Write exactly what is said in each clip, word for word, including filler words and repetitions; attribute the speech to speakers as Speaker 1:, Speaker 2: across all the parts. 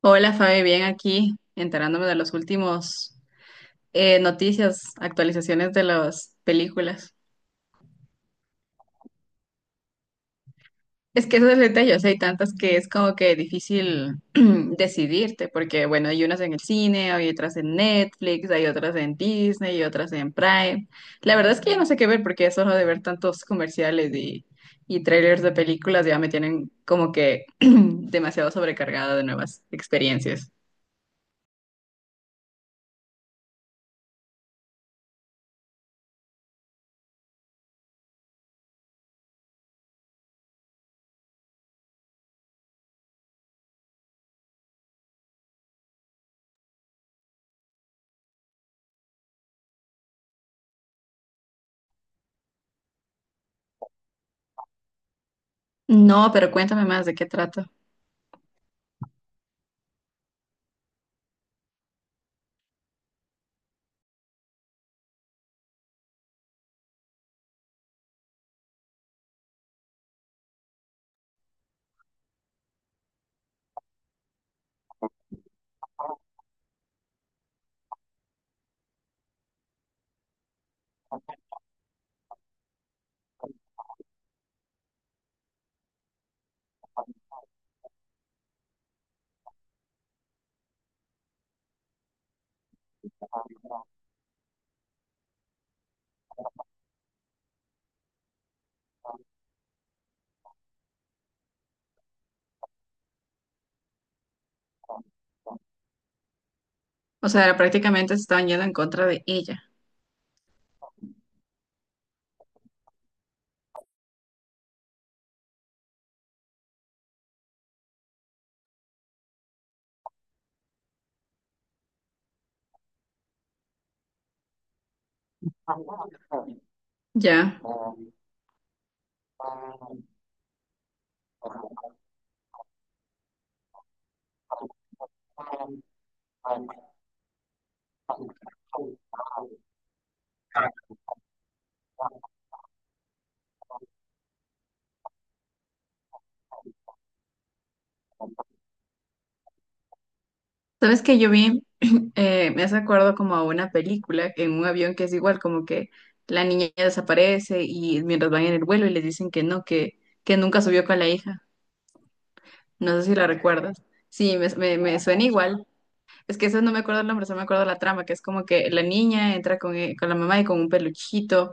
Speaker 1: Hola Fabi, bien aquí, enterándome de los últimos eh, noticias, actualizaciones de las películas. Es que eso es el detalles, hay tantas que es como que difícil decidirte, porque bueno, hay unas en el cine, hay otras en Netflix, hay otras en Disney y otras en Prime. La verdad es que ya no sé qué ver porque eso de ver tantos comerciales y, y trailers de películas ya me tienen como que demasiado sobrecargada de nuevas experiencias. No, pero cuéntame más de qué trata. O sea, prácticamente se estaban yendo en contra de ella. Ya. ¿Sabes que yo vi, eh, me hace acuerdo como a una película en un avión que es igual, como que la niña desaparece y mientras van en el vuelo y les dicen que no, que, que nunca subió con la hija? No sé si la recuerdas. Sí, me, me, me suena igual. Es que eso no me acuerdo el nombre, solo me acuerdo la trama, que es como que la niña entra con, e- con la mamá y con un peluchito,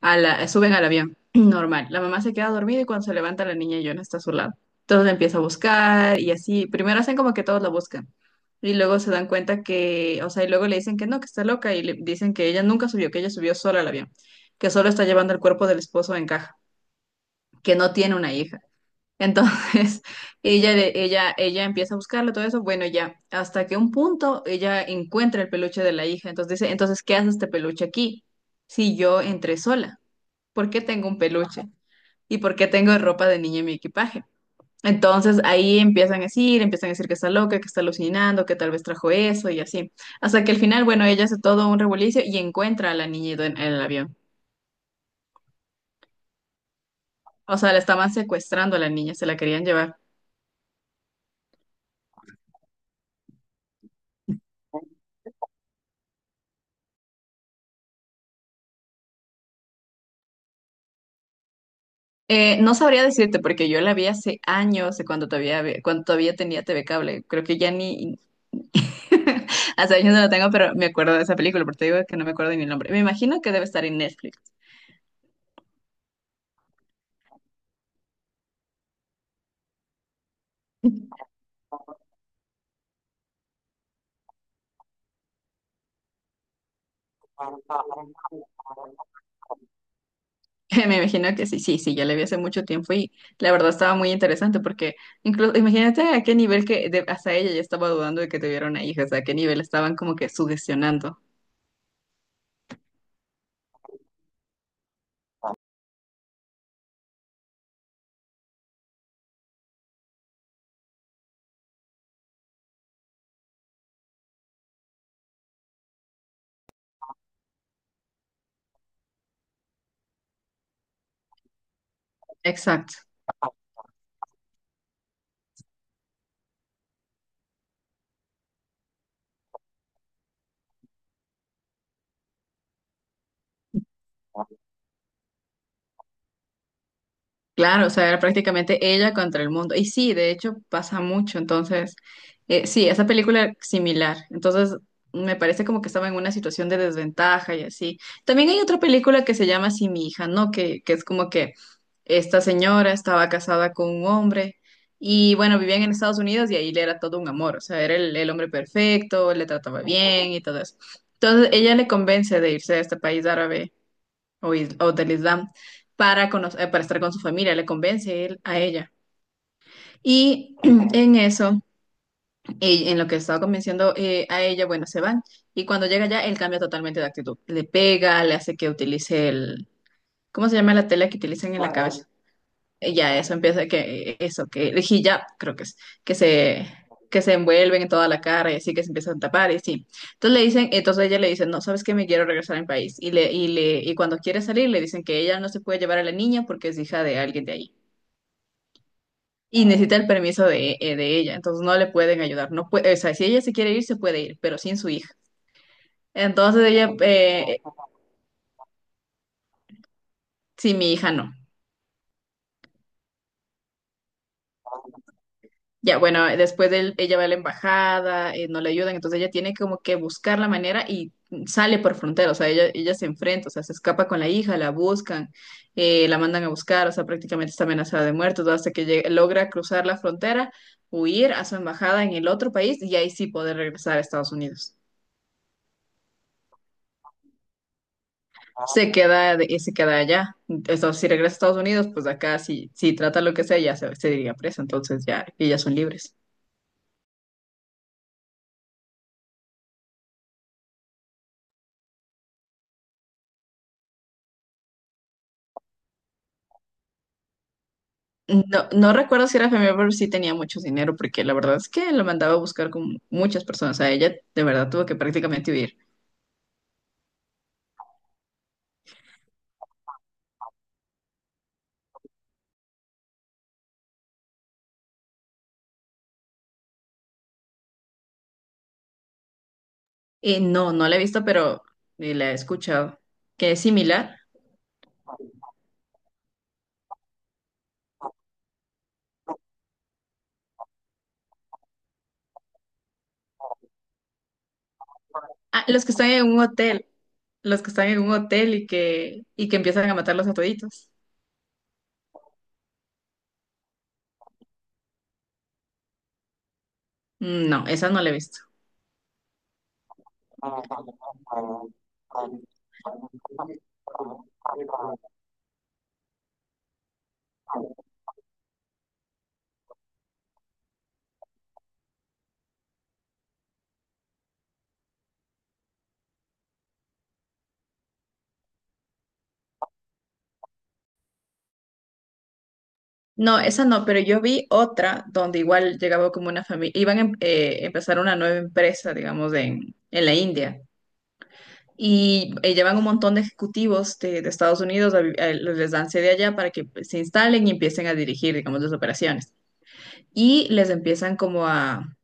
Speaker 1: a la, suben al avión, normal. La mamá se queda dormida y cuando se levanta la niña ya no está a su lado. Entonces la empieza a buscar y así. Primero hacen como que todos la buscan y luego se dan cuenta que, o sea, y luego le dicen que no, que está loca y le dicen que ella nunca subió, que ella subió sola al avión, que solo está llevando el cuerpo del esposo en caja, que no tiene una hija. Entonces, ella, le- ella, ella empieza a buscarlo, todo eso, bueno, ya, hasta que un punto ella encuentra el peluche de la hija. Entonces dice, entonces, ¿qué hace este peluche aquí? Si yo entré sola, ¿por qué tengo un peluche? ¿Y por qué tengo ropa de niña en mi equipaje? Entonces ahí empiezan a decir, empiezan a decir que está loca, que está alucinando, que tal vez trajo eso y así. Hasta que al final, bueno, ella hace todo un revolucio y encuentra a la niña en el avión. O sea, la estaban secuestrando a la niña, se la querían llevar. Eh, no sabría decirte porque yo la vi hace años, cuando todavía, había- cuando todavía tenía T V Cable. Creo que ya ni hace años no la tengo, pero me acuerdo de esa película, porque te digo que no me acuerdo ni el nombre. Me imagino que debe estar en Netflix. Me imagino que sí, sí, sí, ya la vi hace mucho tiempo y la verdad estaba muy interesante porque incluso imagínate a qué nivel que de- hasta ella ya estaba dudando de que tuviera una hija, o sea, a qué nivel estaban como que sugestionando. Claro, o sea, era prácticamente ella contra el mundo. Y sí, de hecho pasa mucho. Entonces, eh, sí, esa película era similar. Entonces, me parece como que estaba en una situación de desventaja y así. También hay otra película que se llama Así mi hija, ¿no? Que, que es como que esta señora estaba casada con un hombre y bueno, vivían en Estados Unidos y ahí le era todo un amor. O sea, era el, el hombre perfecto, le trataba bien y todo eso. Entonces, ella le convence de irse a este país árabe o, is- o del Islam para, conocer, para estar con su familia, le convence él a ella. Y en eso, eh, en lo que estaba convenciendo eh, a ella, bueno, se van. Y cuando llega allá él cambia totalmente de actitud. Le pega, le hace que utilice el, ¿cómo se llama la tela que utilizan en la cabeza? Eh, ya eso empieza que eh, eso, que el hijab, creo que es, que se, que se envuelven en toda la cara y así que se empiezan a tapar y sí. Entonces le dicen, entonces ella le dice, no, sabes que me quiero regresar a mi país. Y le, y le, y cuando quiere salir le dicen que ella no se puede llevar a la niña porque es hija de alguien de ahí. Y necesita el permiso de, eh, de ella, entonces no le pueden ayudar. No puede, o sea, si ella se quiere ir, se puede ir, pero sin su hija. Entonces ella, eh, sí, mi hija no. Ya, bueno, después de él, ella va a la embajada, eh, no le ayudan, entonces ella tiene como que buscar la manera y sale por frontera, o sea, ella, ella se enfrenta, o sea, se escapa con la hija, la buscan, eh, la mandan a buscar, o sea, prácticamente está amenazada de muerte, todo hasta que llega- logra cruzar la frontera, huir a su embajada en el otro país y ahí sí poder regresar a Estados Unidos. Se queda, de- se queda allá. Entonces, si regresa a Estados Unidos, pues acá si, si trata lo que sea, ya se, se diría presa, entonces ya ellas son libres. No, no recuerdo si era familiar, pero sí tenía mucho dinero, porque la verdad es que lo mandaba a buscar con muchas personas. A ella de verdad tuvo que prácticamente huir. Y no, no la he visto, pero eh, la he escuchado, que es similar. Ah, los que están en un hotel, los que están en un hotel y que, y que empiezan a matarlos a toditos. Mm, no, esa no la he visto. No, esa no, pero yo vi otra donde igual llegaba como una familia, iban a em- eh, empezar una nueva empresa, digamos, en, en la India. Y eh, llevan un montón de ejecutivos de, de Estados Unidos, a vi- a- les dan sede allá para que pues, se instalen y empiecen a dirigir, digamos, las operaciones. Y les empiezan como a,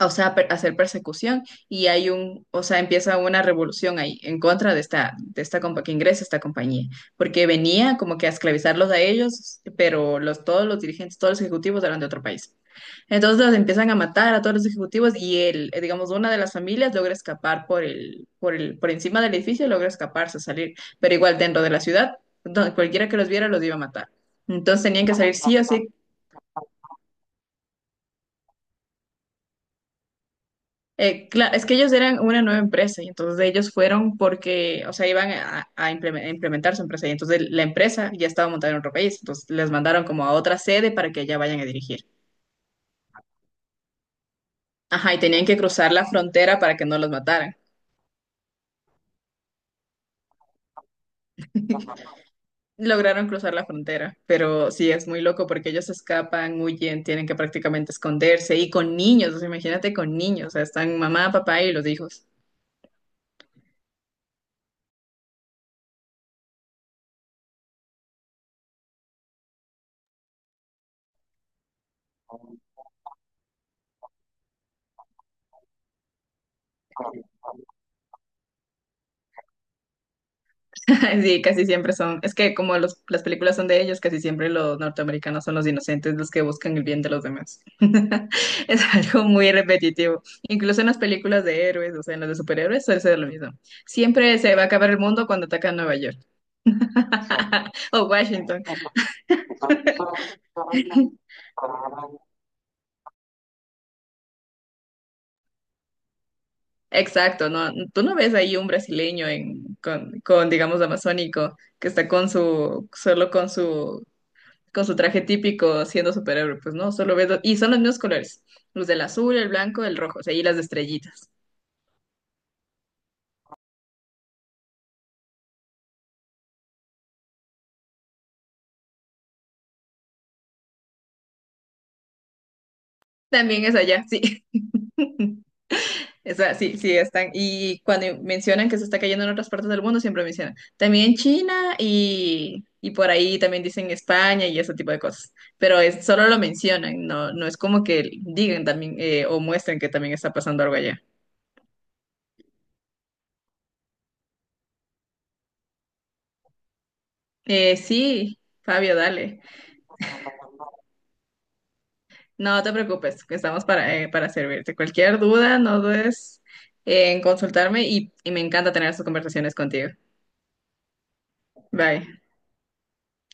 Speaker 1: o sea, per- hacer persecución y hay un, o sea, empieza una revolución ahí en contra de esta, de esta compa que ingresa esta compañía, porque venía como que a esclavizarlos a ellos, pero los, todos los dirigentes, todos los ejecutivos eran de otro país. Entonces los empiezan a matar a todos los ejecutivos y él, eh, digamos, una de las familias logra escapar por el, por el, por encima del edificio, logra escaparse, salir, pero igual dentro de la ciudad, donde cualquiera que los viera los iba a matar. Entonces tenían que salir sí o sí. Eh, claro, es que ellos eran una nueva empresa y entonces ellos fueron porque, o sea, iban a, a impleme- a implementar su empresa y entonces la empresa ya estaba montada en otro país, entonces les mandaron como a otra sede para que allá vayan a dirigir. Ajá, y tenían que cruzar la frontera para que no los mataran. Lograron cruzar la frontera, pero sí es muy loco porque ellos escapan, huyen, tienen que prácticamente esconderse y con niños, o sea, imagínate con niños, o sea, están mamá, papá y los hijos. Sí, casi siempre son. Es que como los, las películas son de ellos, casi siempre los norteamericanos son los inocentes, los que buscan el bien de los demás. Es algo muy repetitivo. Incluso en las películas de héroes, o sea, en las de superhéroes, suele ser lo mismo. Siempre se va a acabar el mundo cuando atacan Nueva York o Washington. Exacto, no, tú no ves ahí un brasileño en, con, con, digamos, amazónico, que está con su, solo con su con su traje típico siendo superhéroe, pues no, solo ves, do- y son los mismos colores, los del azul, el blanco, el rojo, o sea, y las de estrellitas. También es allá, sí. Esa, sí, sí, están. Y cuando mencionan que se está cayendo en otras partes del mundo, siempre mencionan. También en China y, y por ahí también dicen España y ese tipo de cosas. Pero es, solo lo mencionan, no, no es como que digan también eh, o muestren que también está pasando algo allá. Eh, sí, Fabio, dale. No te preocupes, que estamos para, eh, para servirte. Cualquier duda, no dudes en consultarme y, y me encanta tener estas conversaciones contigo. Bye.